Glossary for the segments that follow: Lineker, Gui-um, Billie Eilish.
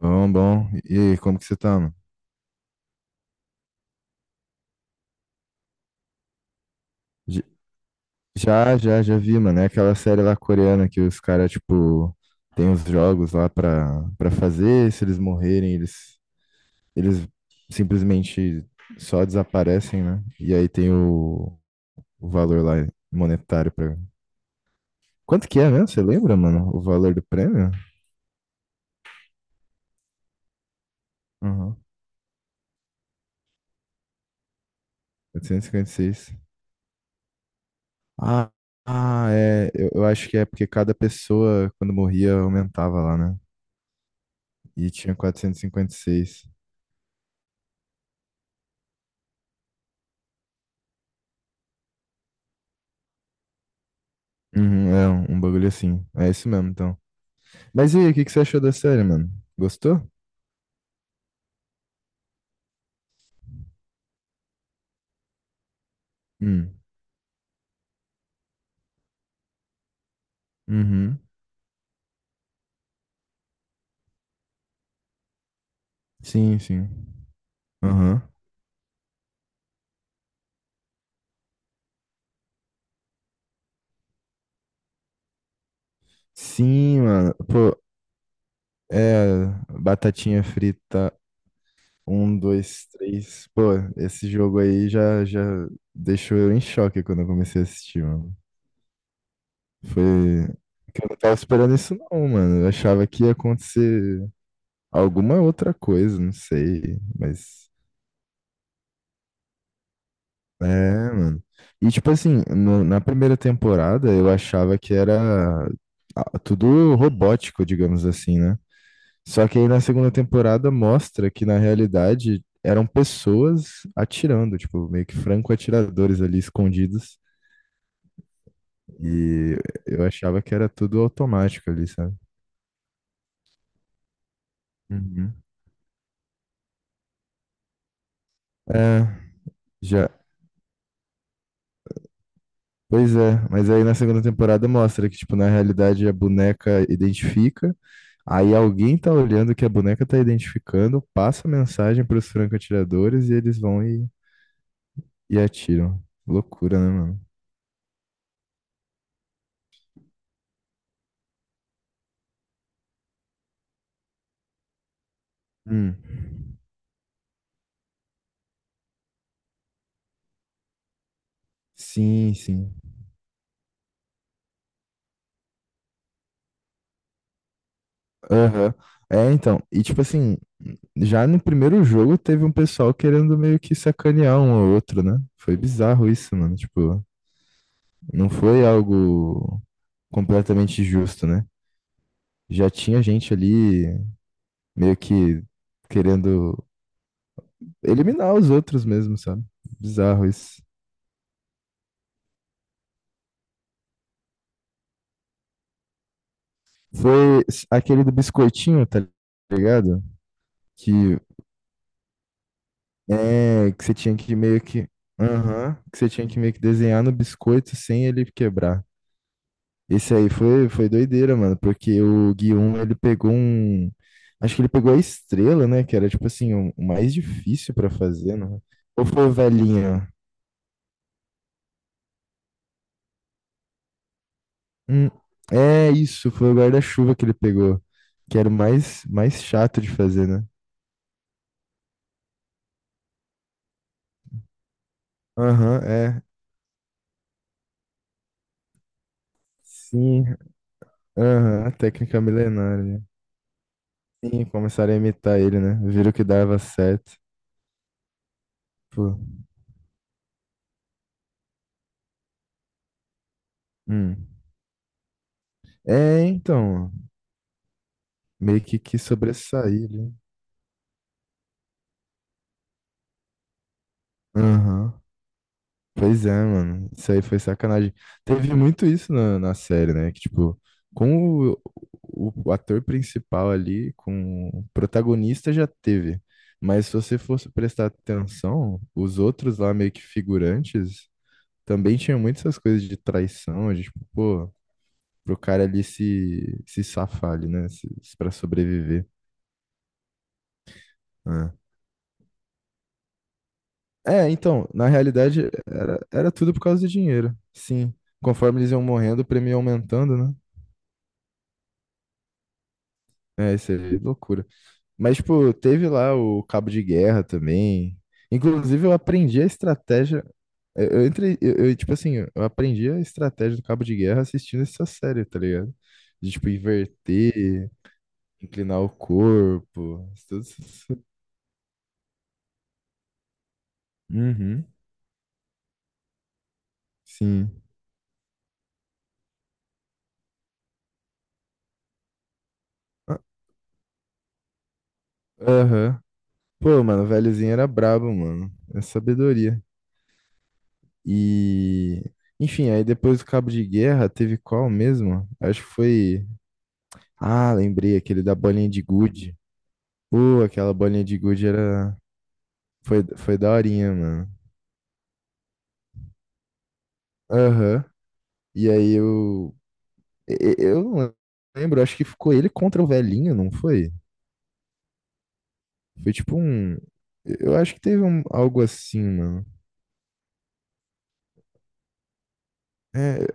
Bom, bom. E aí, como que você tá, mano? J- já vi, mano. É aquela série lá coreana que os caras, tipo, tem os jogos lá pra fazer. Se eles morrerem, eles simplesmente só desaparecem, né? E aí tem o valor lá monetário pra. Quanto que é mesmo? Você lembra, mano? O valor do prêmio? Uhum. 856. Ah, ah, é. Eu acho que é porque cada pessoa, quando morria, aumentava lá, né? E tinha 456. Uhum, é um bagulho assim. É isso mesmo, então. Mas e aí, o que que você achou da série, mano? Gostou? Hum. Uhum. Sim, sim. Aham. Sim, mano. Pô, é. Batatinha frita. Um, dois, três. Pô, esse jogo aí já deixou eu em choque quando eu comecei a assistir, mano. Foi. Que eu não tava esperando isso, não, mano. Eu achava que ia acontecer alguma outra coisa, não sei. Mas. É, mano. E tipo assim, na primeira temporada eu achava que era tudo robótico, digamos assim, né? Só que aí na segunda temporada mostra que na realidade eram pessoas atirando, tipo, meio que franco-atiradores ali escondidos. E eu achava que era tudo automático ali, sabe? Uhum. É, já. Pois é, mas aí na segunda temporada mostra que, tipo, na realidade a boneca identifica, aí alguém tá olhando o que a boneca tá identificando, passa a mensagem pros franco-atiradores e eles vão e atiram. Loucura, né, mano? Hum. Sim, sim. Aham. É, então, e tipo assim, já no primeiro jogo teve um pessoal querendo meio que sacanear um ao outro, né? Foi bizarro isso, mano. Tipo, não foi algo completamente justo, né? Já tinha gente ali meio que querendo eliminar os outros mesmo, sabe? Bizarro isso. Aquele do biscoitinho, tá ligado? Que é que você tinha que meio que. Aham, que você tinha que meio que desenhar no biscoito sem ele quebrar. Esse aí foi doideira, mano, porque o Gui um, ele pegou um. Acho que ele pegou a estrela, né? Que era tipo assim, o mais difícil pra fazer, né? Ou foi o velhinho? Hum, é isso, foi o guarda-chuva que ele pegou, que era o mais, mais chato de fazer, né? Aham, é. Sim, aham, a técnica milenária. Sim, começaram a imitar ele, né? Viram que dava certo. Pô. Hum. É, então, meio que quis sobressair, né? Aham. Pois é, mano. Isso aí foi sacanagem. Teve muito isso na série, né? Que, tipo, com o ator principal ali, com o protagonista já teve. Mas se você fosse prestar atenção, os outros lá, meio que figurantes, também tinham muitas essas coisas de traição, de, tipo, pô, pro cara ali se safar ali, né? Pra sobreviver. Né? É, então, na realidade, era tudo por causa do dinheiro. Sim. Conforme eles iam morrendo, o prêmio ia aumentando, né? É, isso é loucura. Mas, tipo, teve lá o cabo de guerra também. Inclusive, eu aprendi a estratégia. Eu entrei, eu, tipo assim, eu aprendi a estratégia do cabo de guerra assistindo essa série, tá ligado? De, tipo, inverter, inclinar o corpo, tudo isso. Uhum, sim. Ah, Aham. Pô, mano, o velhozinho era brabo, mano. É sabedoria. E, enfim, aí depois do cabo de guerra, teve qual mesmo? Acho que foi. Ah, lembrei, aquele da bolinha de gude. Pô, aquela bolinha de gude era... Foi daorinha, mano. Aham. E aí eu... Eu não lembro, acho que ficou ele contra o velhinho, não foi? Foi tipo um... Eu acho que teve algo assim, mano. É,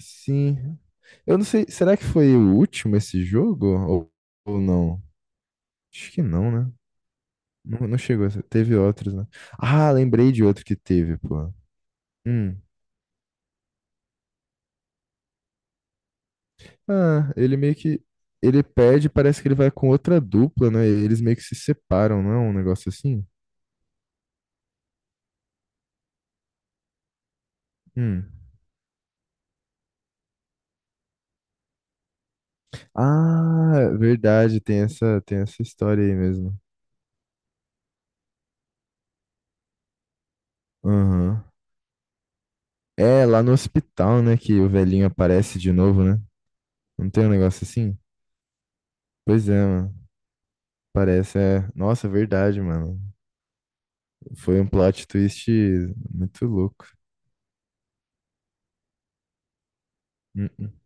sim. Eu não sei, será que foi o último esse jogo? Ou não? Acho que não, né? Não, não chegou. Teve outros, né? Ah, lembrei de outro que teve, pô. Hum. Ah, ele meio que. Ele pede, parece que ele vai com outra dupla, né? Eles meio que se separam, não é um negócio assim? Hum. Ah, verdade, tem essa história aí mesmo. Aham. É, lá no hospital, né, que o velhinho aparece de novo, né? Não tem um negócio assim? Pois é, mano. Parece, é. Nossa, verdade, mano. Foi um plot twist muito louco. Hum, hum.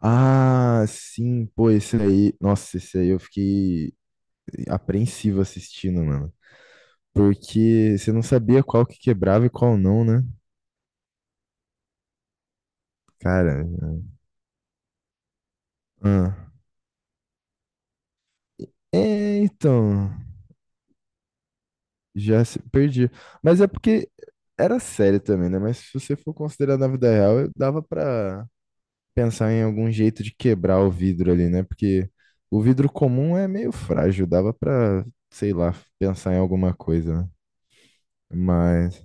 Ah, sim, pô, esse aí. Nossa, esse aí eu fiquei apreensivo assistindo, mano. Porque você não sabia qual que quebrava e qual não, né? Cara, ah. É, então, já perdi. Mas é porque era sério também, né? Mas se você for considerar na vida real, eu dava pra pensar em algum jeito de quebrar o vidro ali, né? Porque o vidro comum é meio frágil, dava pra, sei lá, pensar em alguma coisa, né? Mas,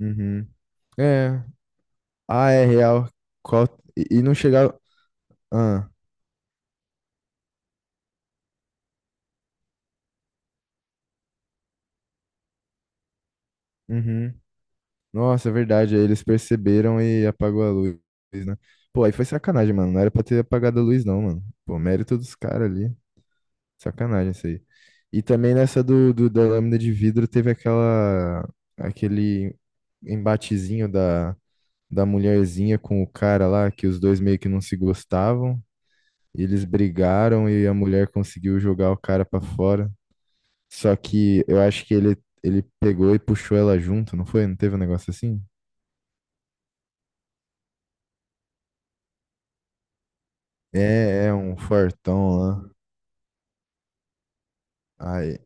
uhum. É, é real. Qual... E não chegava. Ah, uhum. Nossa, é verdade. Aí eles perceberam e apagou a luz, né? Pô, aí foi sacanagem, mano. Não era pra ter apagado a luz, não, mano. Pô, mérito dos caras ali. Sacanagem isso aí. E também nessa da lâmina de vidro teve aquele embatezinho da mulherzinha com o cara lá, que os dois meio que não se gostavam. E eles brigaram e a mulher conseguiu jogar o cara pra fora. Só que eu acho que ele pegou e puxou ela junto, não foi? Não teve um negócio assim? É um fortão lá. Aí,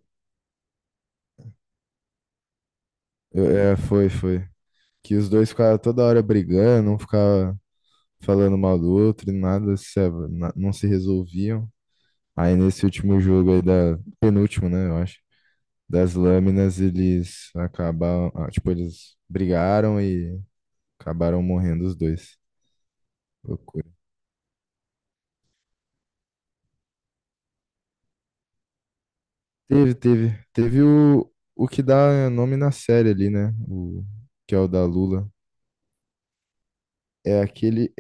é, foi. Que os dois ficaram toda hora brigando, um ficava falando mal do outro, e nada se, na- não se resolviam. Aí nesse último jogo aí penúltimo, né, eu acho, das lâminas, eles acabaram, tipo, eles brigaram e acabaram morrendo os dois. Loucura. Teve o que dá nome na série ali, né, que é o da Lula. É aquele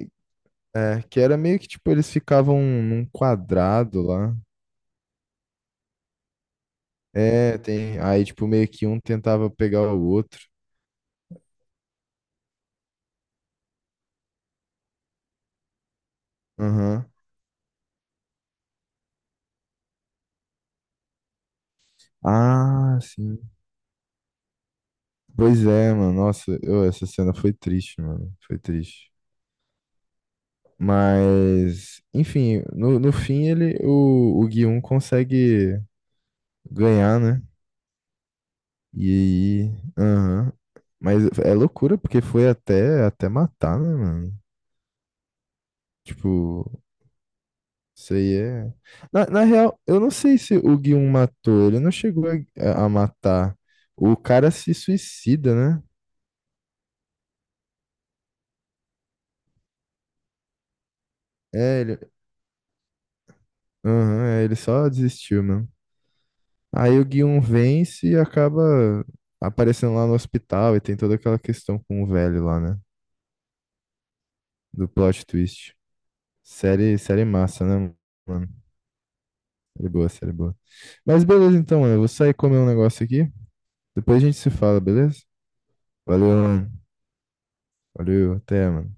É, que era meio que, tipo, eles ficavam num quadrado lá. É, tem. Aí, tipo, meio que um tentava pegar o outro. Aham. Ah, sim. Pois é, mano. Nossa, essa cena foi triste, mano. Foi triste. Mas, enfim, no fim o Gui um consegue ganhar, né? E aí. Aham. Mas é loucura, porque foi até matar, né, mano? Tipo, isso aí é. Na real, eu não sei se o Guion matou. Ele não chegou a matar. O cara se suicida, né? É, ele. Aham, é, ele só desistiu, mano. Aí o Guion vence e acaba aparecendo lá no hospital e tem toda aquela questão com o velho lá, né? Do plot twist. Série, série massa, né, mano? Série boa, série boa. Mas beleza então, mano. Eu vou sair comer um negócio aqui. Depois a gente se fala, beleza? Valeu, mano. Valeu, até, mano.